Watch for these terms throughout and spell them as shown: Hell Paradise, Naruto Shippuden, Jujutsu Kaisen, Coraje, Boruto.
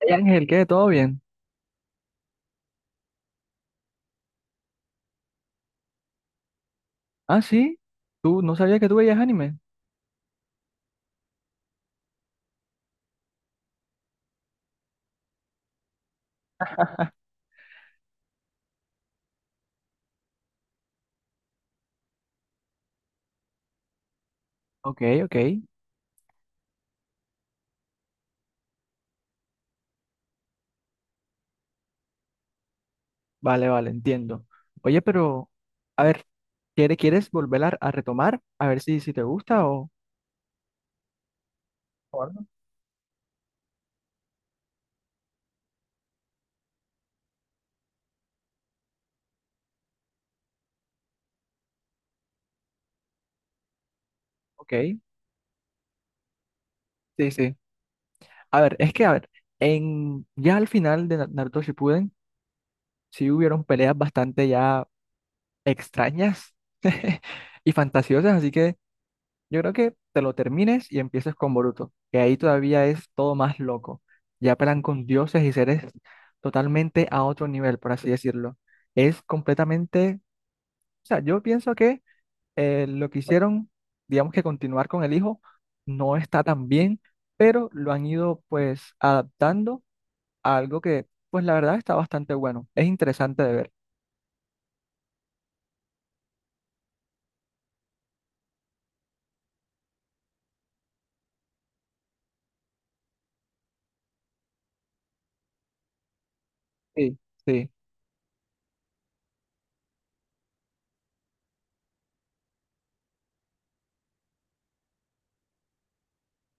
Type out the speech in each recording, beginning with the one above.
Hey, Ángel, ¿qué? ¿Todo bien? Ah, sí. ¿Tú no sabías que tú veías anime? Ok, ok. Vale, vale, entiendo. Oye, pero, a ver, ¿Quieres volver a retomar? A ver si te gusta o algo. Ok, sí, sí. A ver, es que, a ver, en, ya al final de Naruto Shippuden sí hubieron peleas bastante ya extrañas y fantasiosas, así que yo creo que te lo termines y empieces con Boruto, que ahí todavía es todo más loco. Ya pelean con dioses y seres totalmente a otro nivel, por así decirlo. Es completamente, o sea, yo pienso que lo que hicieron, digamos que continuar con el hijo, no está tan bien, pero lo han ido pues adaptando a algo que, pues la verdad está bastante bueno. Es interesante de ver. Sí, sí,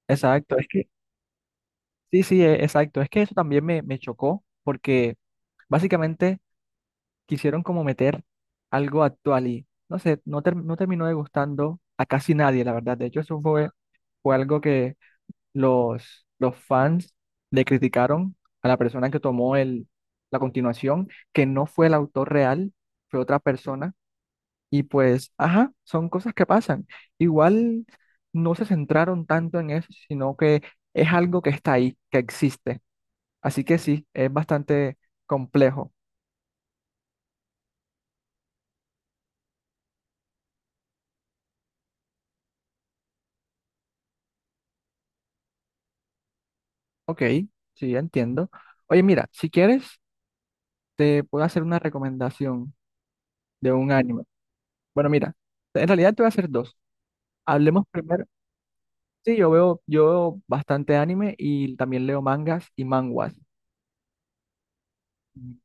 exacto. Es que, sí, sí, exacto. Es que eso también me chocó porque básicamente quisieron como meter algo actual y no sé, no, no terminó de gustando a casi nadie, la verdad. De hecho, eso fue, fue algo que los fans le criticaron a la persona que tomó el, la continuación, que no fue el autor real, fue otra persona. Y pues, ajá, son cosas que pasan. Igual no se centraron tanto en eso, sino que es algo que está ahí, que existe. Así que sí, es bastante complejo. Ok, sí, ya entiendo. Oye, mira, si quieres, te puedo hacer una recomendación de un anime. Bueno, mira, en realidad te voy a hacer dos. Hablemos primero. Sí, yo veo bastante anime y también leo mangas y manguas. Mm.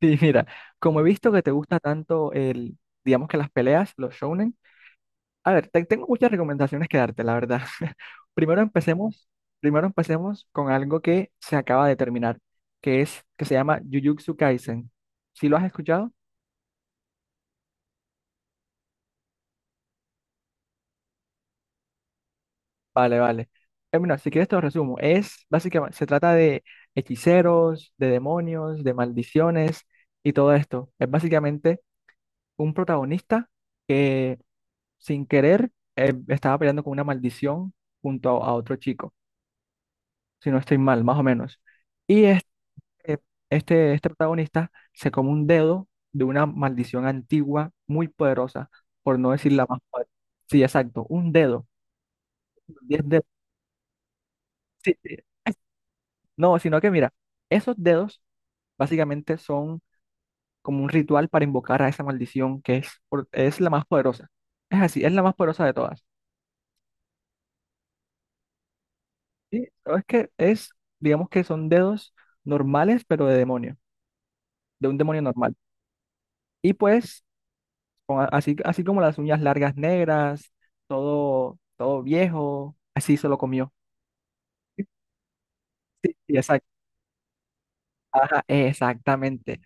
Sí, mira, como he visto que te gusta tanto el, digamos que las peleas, los shounen, a ver, tengo muchas recomendaciones que darte, la verdad. Primero empecemos, primero empecemos con algo que se acaba de terminar, que es, que se llama Jujutsu Kaisen. ¿Sí lo has escuchado? Vale, vale. Mira, si quieres te lo resumo. Es básicamente, se trata de hechiceros, de demonios, de maldiciones y todo esto. Es básicamente un protagonista que sin querer estaba peleando con una maldición junto a otro chico, si no estoy mal, más o menos. Y este protagonista se come un dedo de una maldición antigua muy poderosa, por no decir la más poderosa. Sí, exacto, un dedo, diez dedos. Sí, sí. No, sino que mira, esos dedos básicamente son como un ritual para invocar a esa maldición que es, es la más poderosa. Es así, es la más poderosa de todas. Sí, pero es que es, digamos que son dedos normales, pero de demonio, de un demonio normal. Y pues, con así, así como las uñas largas negras, todo, todo viejo, así se lo comió. Sí, sí, ajá, exactamente.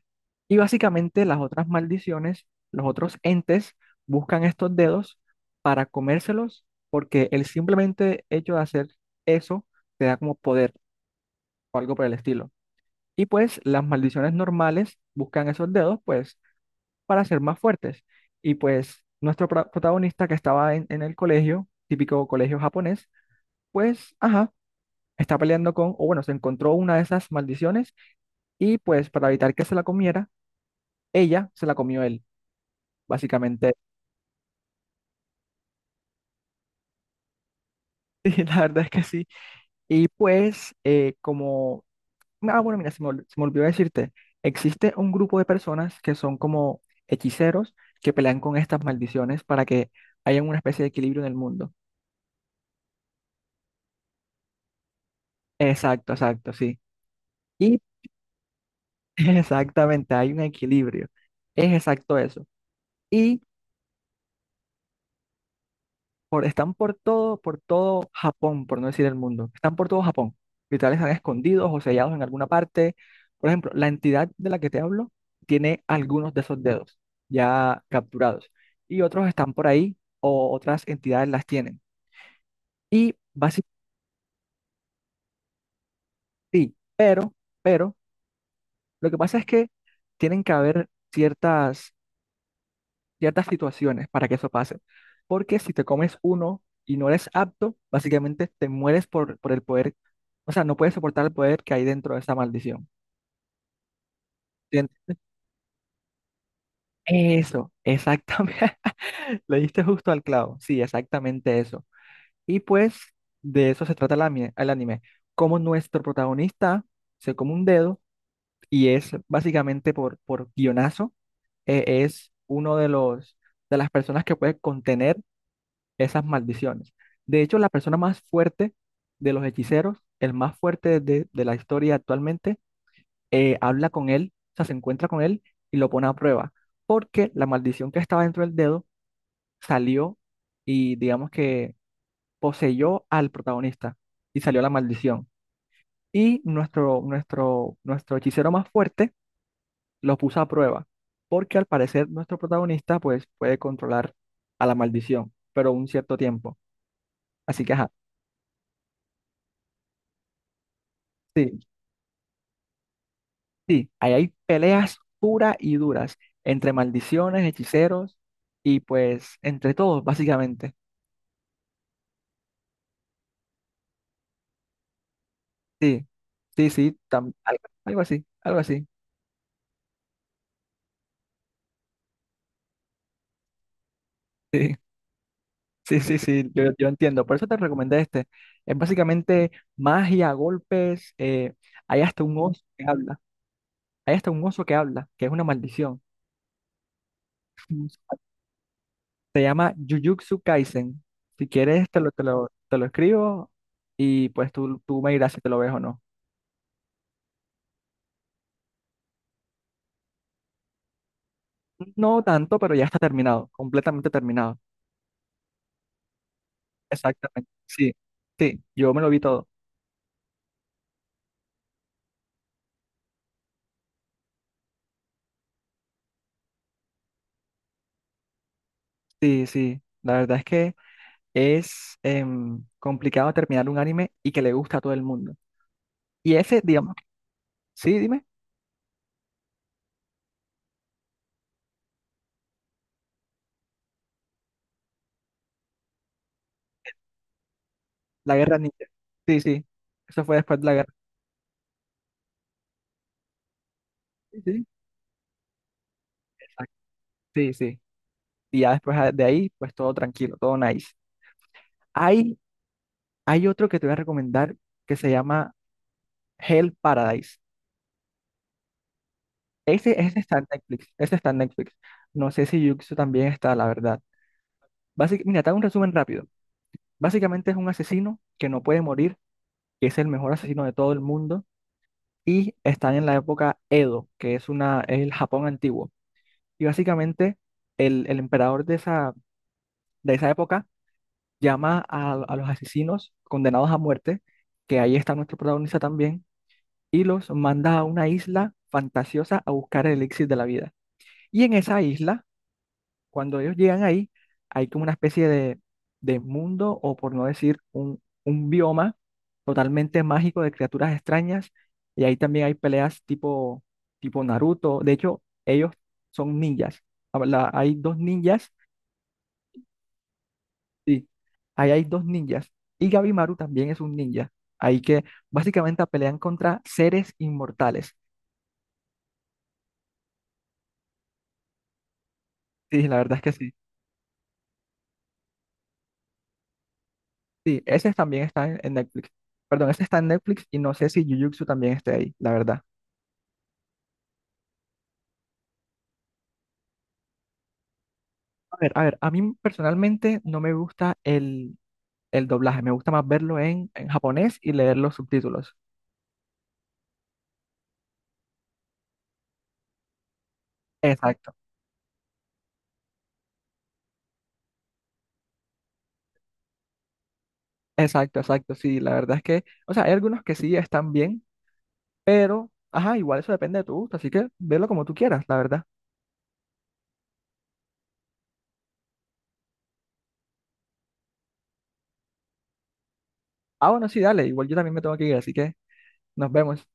Y básicamente las otras maldiciones, los otros entes buscan estos dedos para comérselos porque el simplemente hecho de hacer eso te da como poder o algo por el estilo. Y pues las maldiciones normales buscan esos dedos pues para ser más fuertes. Y pues nuestro protagonista que estaba en el colegio, típico colegio japonés, pues ajá, está peleando con, o bueno, se encontró una de esas maldiciones y pues para evitar que se la comiera ella se la comió él, básicamente. Y la verdad es que sí. Y pues, como, ah, bueno, mira, se me olvidó decirte, existe un grupo de personas que son como hechiceros que pelean con estas maldiciones para que haya una especie de equilibrio en el mundo. Exacto, exacto, sí. Y exactamente, hay un equilibrio. Es exacto eso. Y están por todo Japón, por no decir el mundo. Están por todo Japón. Literal están escondidos o sellados en alguna parte. Por ejemplo, la entidad de la que te hablo tiene algunos de esos dedos ya capturados y otros están por ahí o otras entidades las tienen. Y básicamente, sí, pero, lo que pasa es que tienen que haber ciertas ciertas situaciones para que eso pase. Porque si te comes uno y no eres apto, básicamente te mueres por el poder, o sea, no puedes soportar el poder que hay dentro de esa maldición. ¿Entiendes? Eso, exactamente. Le diste justo al clavo. Sí, exactamente eso. Y pues de eso se trata el anime, el anime. Como nuestro protagonista se come un dedo y es básicamente por guionazo, es uno de los de las personas que puede contener esas maldiciones. De hecho, la persona más fuerte de los hechiceros, el más fuerte de la historia actualmente, habla con él, o sea, se encuentra con él y lo pone a prueba, porque la maldición que estaba dentro del dedo salió y digamos que poseyó al protagonista y salió la maldición. Y nuestro hechicero más fuerte lo puso a prueba, porque al parecer nuestro protagonista pues puede controlar a la maldición, pero un cierto tiempo. Así que, ajá. Sí, sí, ahí hay peleas puras y duras entre maldiciones, hechiceros y pues entre todos, básicamente. Sí, sí, sí, algo así, algo así. Sí, sí, sí, sí, yo entiendo. Por eso te recomendé este. Es básicamente magia, golpes, hay hasta un oso que habla, hay hasta un oso que habla, que es una maldición. Se llama Jujutsu Kaisen. Si quieres, te lo escribo y pues tú me dirás si te lo ves o no. No tanto, pero ya está terminado, completamente terminado. Exactamente. Sí, sí, yo me lo vi todo. Sí, sí. La verdad es que es complicado terminar un anime y que le gusta a todo el mundo. Y ese, digamos, sí, dime, la guerra ninja. Sí, sí. Eso fue después de la guerra. Sí, sí. Exacto, sí, sí. Y ya después de ahí, pues todo tranquilo, todo nice. Hay, hay otro que te voy a recomendar que se llama Hell Paradise. Ese está en Netflix. Ese está en Netflix. No sé si Yuxu también está, la verdad. Mira, te hago un resumen rápido. Básicamente es un asesino que no puede morir, que es el mejor asesino de todo el mundo y está en la época Edo, que es una, es el Japón antiguo. Y básicamente el emperador de esa época llama a los asesinos condenados a muerte, que ahí está nuestro protagonista también, y los manda a una isla fantasiosa a buscar el elixir de la vida. Y en esa isla cuando ellos llegan ahí, hay como una especie de mundo, o por no decir un bioma totalmente mágico de criaturas extrañas, y ahí también hay peleas tipo, tipo Naruto. De hecho, ellos son ninjas. Hay dos ninjas, sí, ahí hay dos ninjas, y Gabimaru también es un ninja. Ahí que básicamente pelean contra seres inmortales. Sí, la verdad es que sí. Sí, ese también está en Netflix. Perdón, ese está en Netflix y no sé si Jujutsu también esté ahí, la verdad. A ver, a ver, a mí personalmente no me gusta el doblaje, me gusta más verlo en japonés y leer los subtítulos. Exacto, exacto, sí, la verdad es que, o sea, hay algunos que sí están bien, pero, ajá, igual eso depende de tu gusto, así que verlo como tú quieras, la verdad. Ah, bueno, sí, dale, igual yo también me tengo que ir, así que nos vemos.